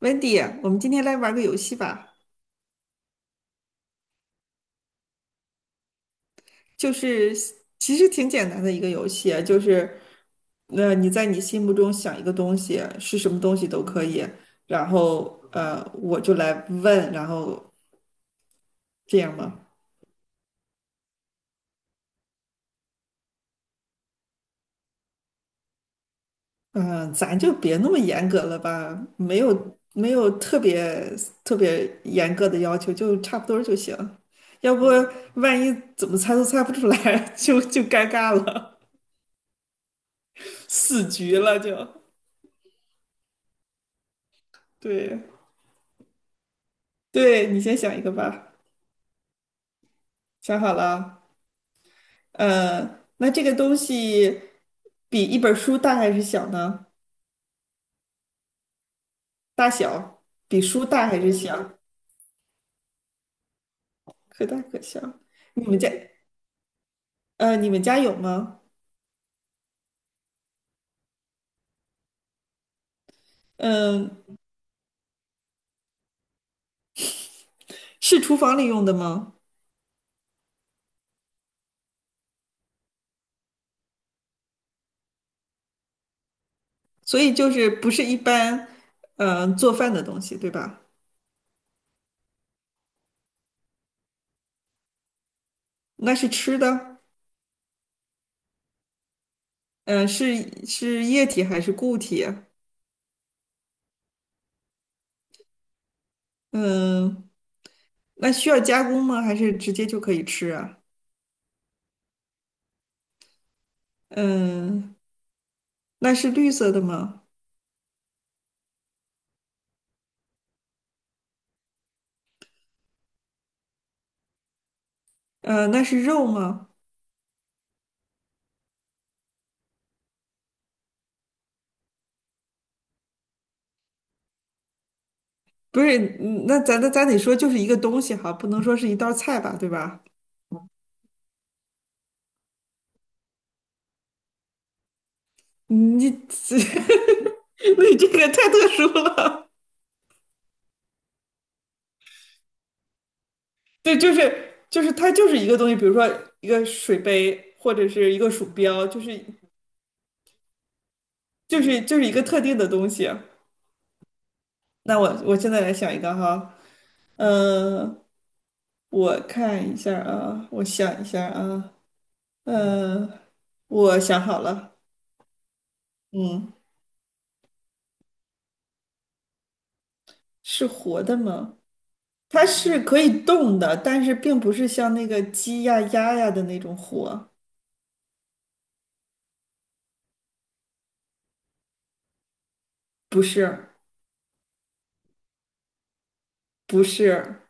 Wendy，我们今天来玩个游戏吧，就是其实挺简单的一个游戏啊，就是那、你在你心目中想一个东西，是什么东西都可以，然后我就来问，然后这样吗？嗯、咱就别那么严格了吧，没有没有特别特别严格的要求，就差不多儿就行，要不万一怎么猜都猜不出来，就尴尬了，死局了就，对。对，你先想一个吧，想好了啊。那这个东西比一本书大还是小呢？大小比书大还是小？可大可小。你们家你们家有吗？嗯、是厨房里用的吗？所以就是不是一般嗯，做饭的东西，对吧？那是吃的，嗯、是液体还是固体啊？嗯、那需要加工吗？还是直接就可以吃啊？嗯、那是绿色的吗？那是肉吗？不是，嗯那咱得说就是一个东西哈，不能说是一道菜吧，对吧？你 你这个太特殊了。对，就是它就是一个东西，比如说一个水杯或者是一个鼠标，就是一个特定的东西。那我现在来想一个哈，嗯、我看一下啊，我想一下啊，嗯、我想好了，嗯，是活的吗？它是可以动的，但是并不是像那个鸡呀、鸭呀的那种火，不是，不是，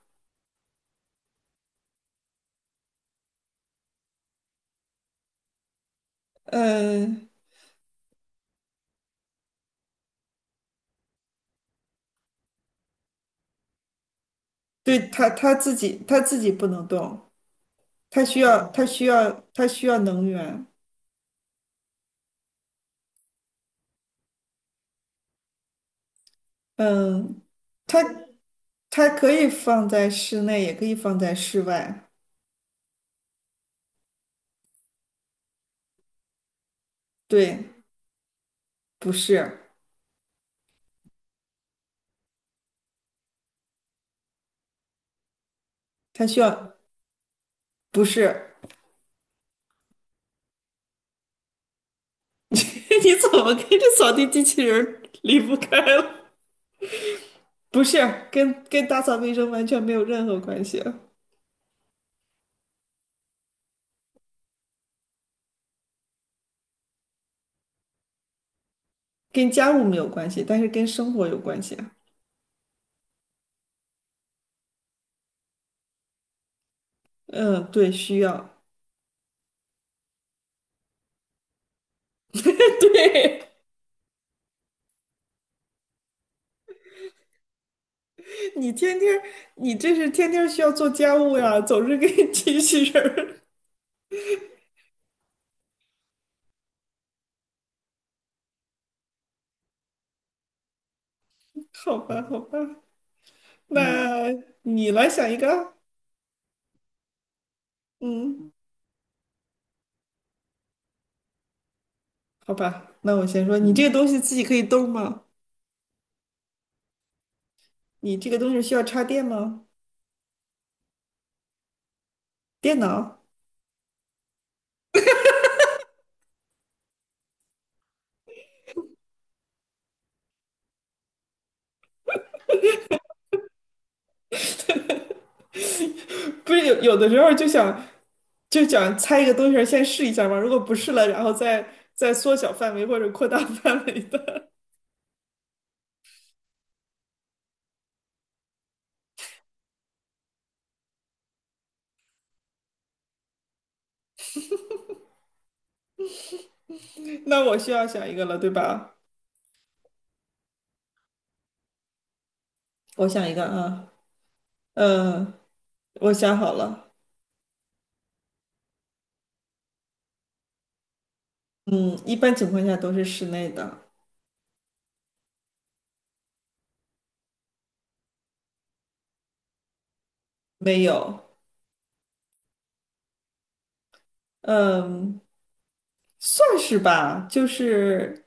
嗯，对，它自己不能动，它需要它需要能源，嗯，它它可以放在室内，也可以放在室外，对，不是，它需要，不是，你怎么跟这扫地机器人儿离不开了？不是，跟打扫卫生完全没有任何关系。跟家务没有关系，但是跟生活有关系啊。嗯，对，需要。对，你天天，你这是天天需要做家务呀，总是跟机器人儿。好吧，好吧，嗯那你来想一个啊。嗯，好吧，那我先说，你这个东西自己可以动吗？你这个东西需要插电吗？电脑？不是有时候就想就想猜一个东西儿先试一下嘛，如果不试了，然后再再缩小范围或者扩大 范围的。那我需要想一个了，对吧？我想一个啊，嗯，我想好了，嗯，一般情况下都是室内的，没有，嗯，算是吧，就是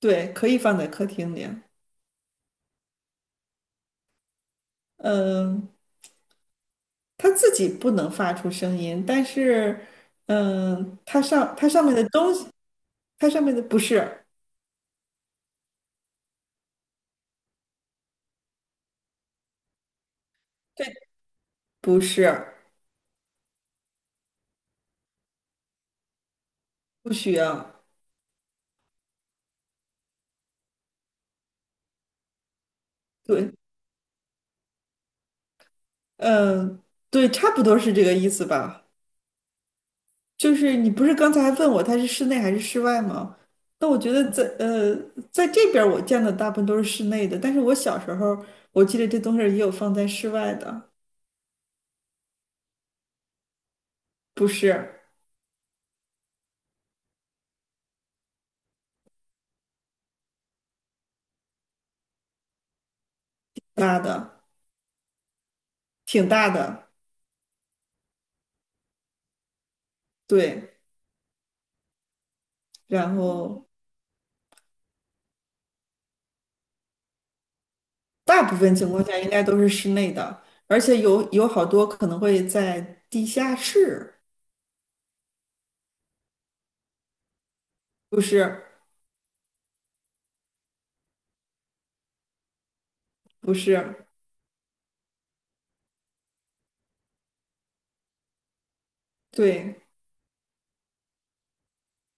对，可以放在客厅里，嗯，它自己不能发出声音，但是，嗯，它上面的东西，它上面的不是，对，不是，不需要，对，嗯，对，差不多是这个意思吧。就是你不是刚才还问我它是室内还是室外吗？那我觉得在在这边儿我见的大部分都是室内的，但是我小时候我记得这东西儿也有放在室外的，不是大的，挺大的，对。然后大部分情况下应该都是室内的，而且有好多可能会在地下室，不是不是，对，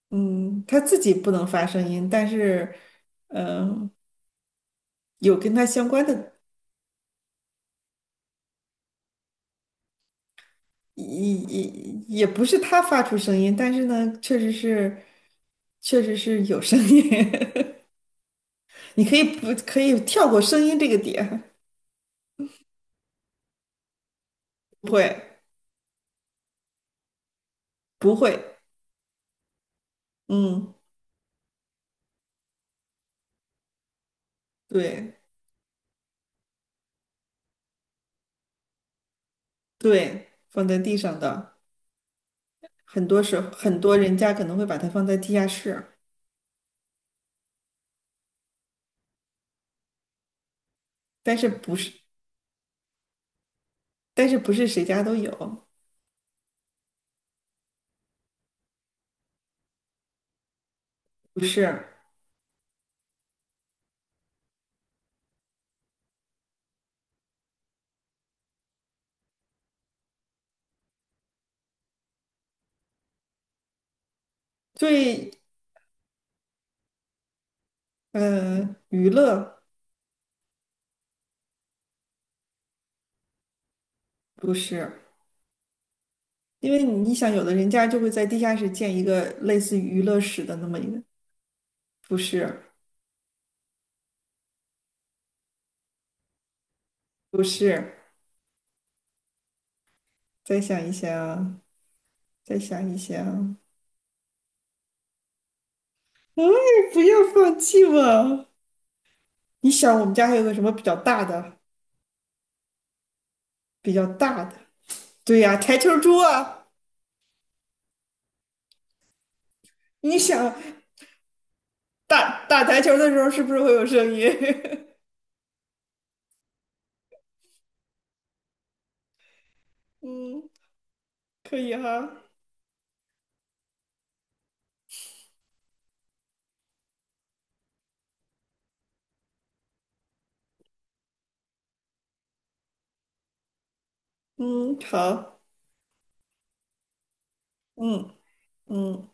嗯，它自己不能发声音，但是嗯、呃有跟它相关的。也也也不是他发出声音，但是呢，确实是，确实是有声音。你可以不可以跳过声音这个点？不会，不会，嗯，对对，放在地上的，很多时候很多人家可能会把它放在地下室，但是不是，但是不是谁家都有，不是最娱乐不是，因为你想，有的人家就会在地下室建一个类似于娱乐室的那么一个。不是，不是，再想一想，再想一想，哎，不要放弃嘛！你想，我们家还有个什么比较大的？比较大的，对呀、台球桌啊！你想打打台球的时候，是不是会有声音？嗯，可以哈。嗯，好，嗯嗯。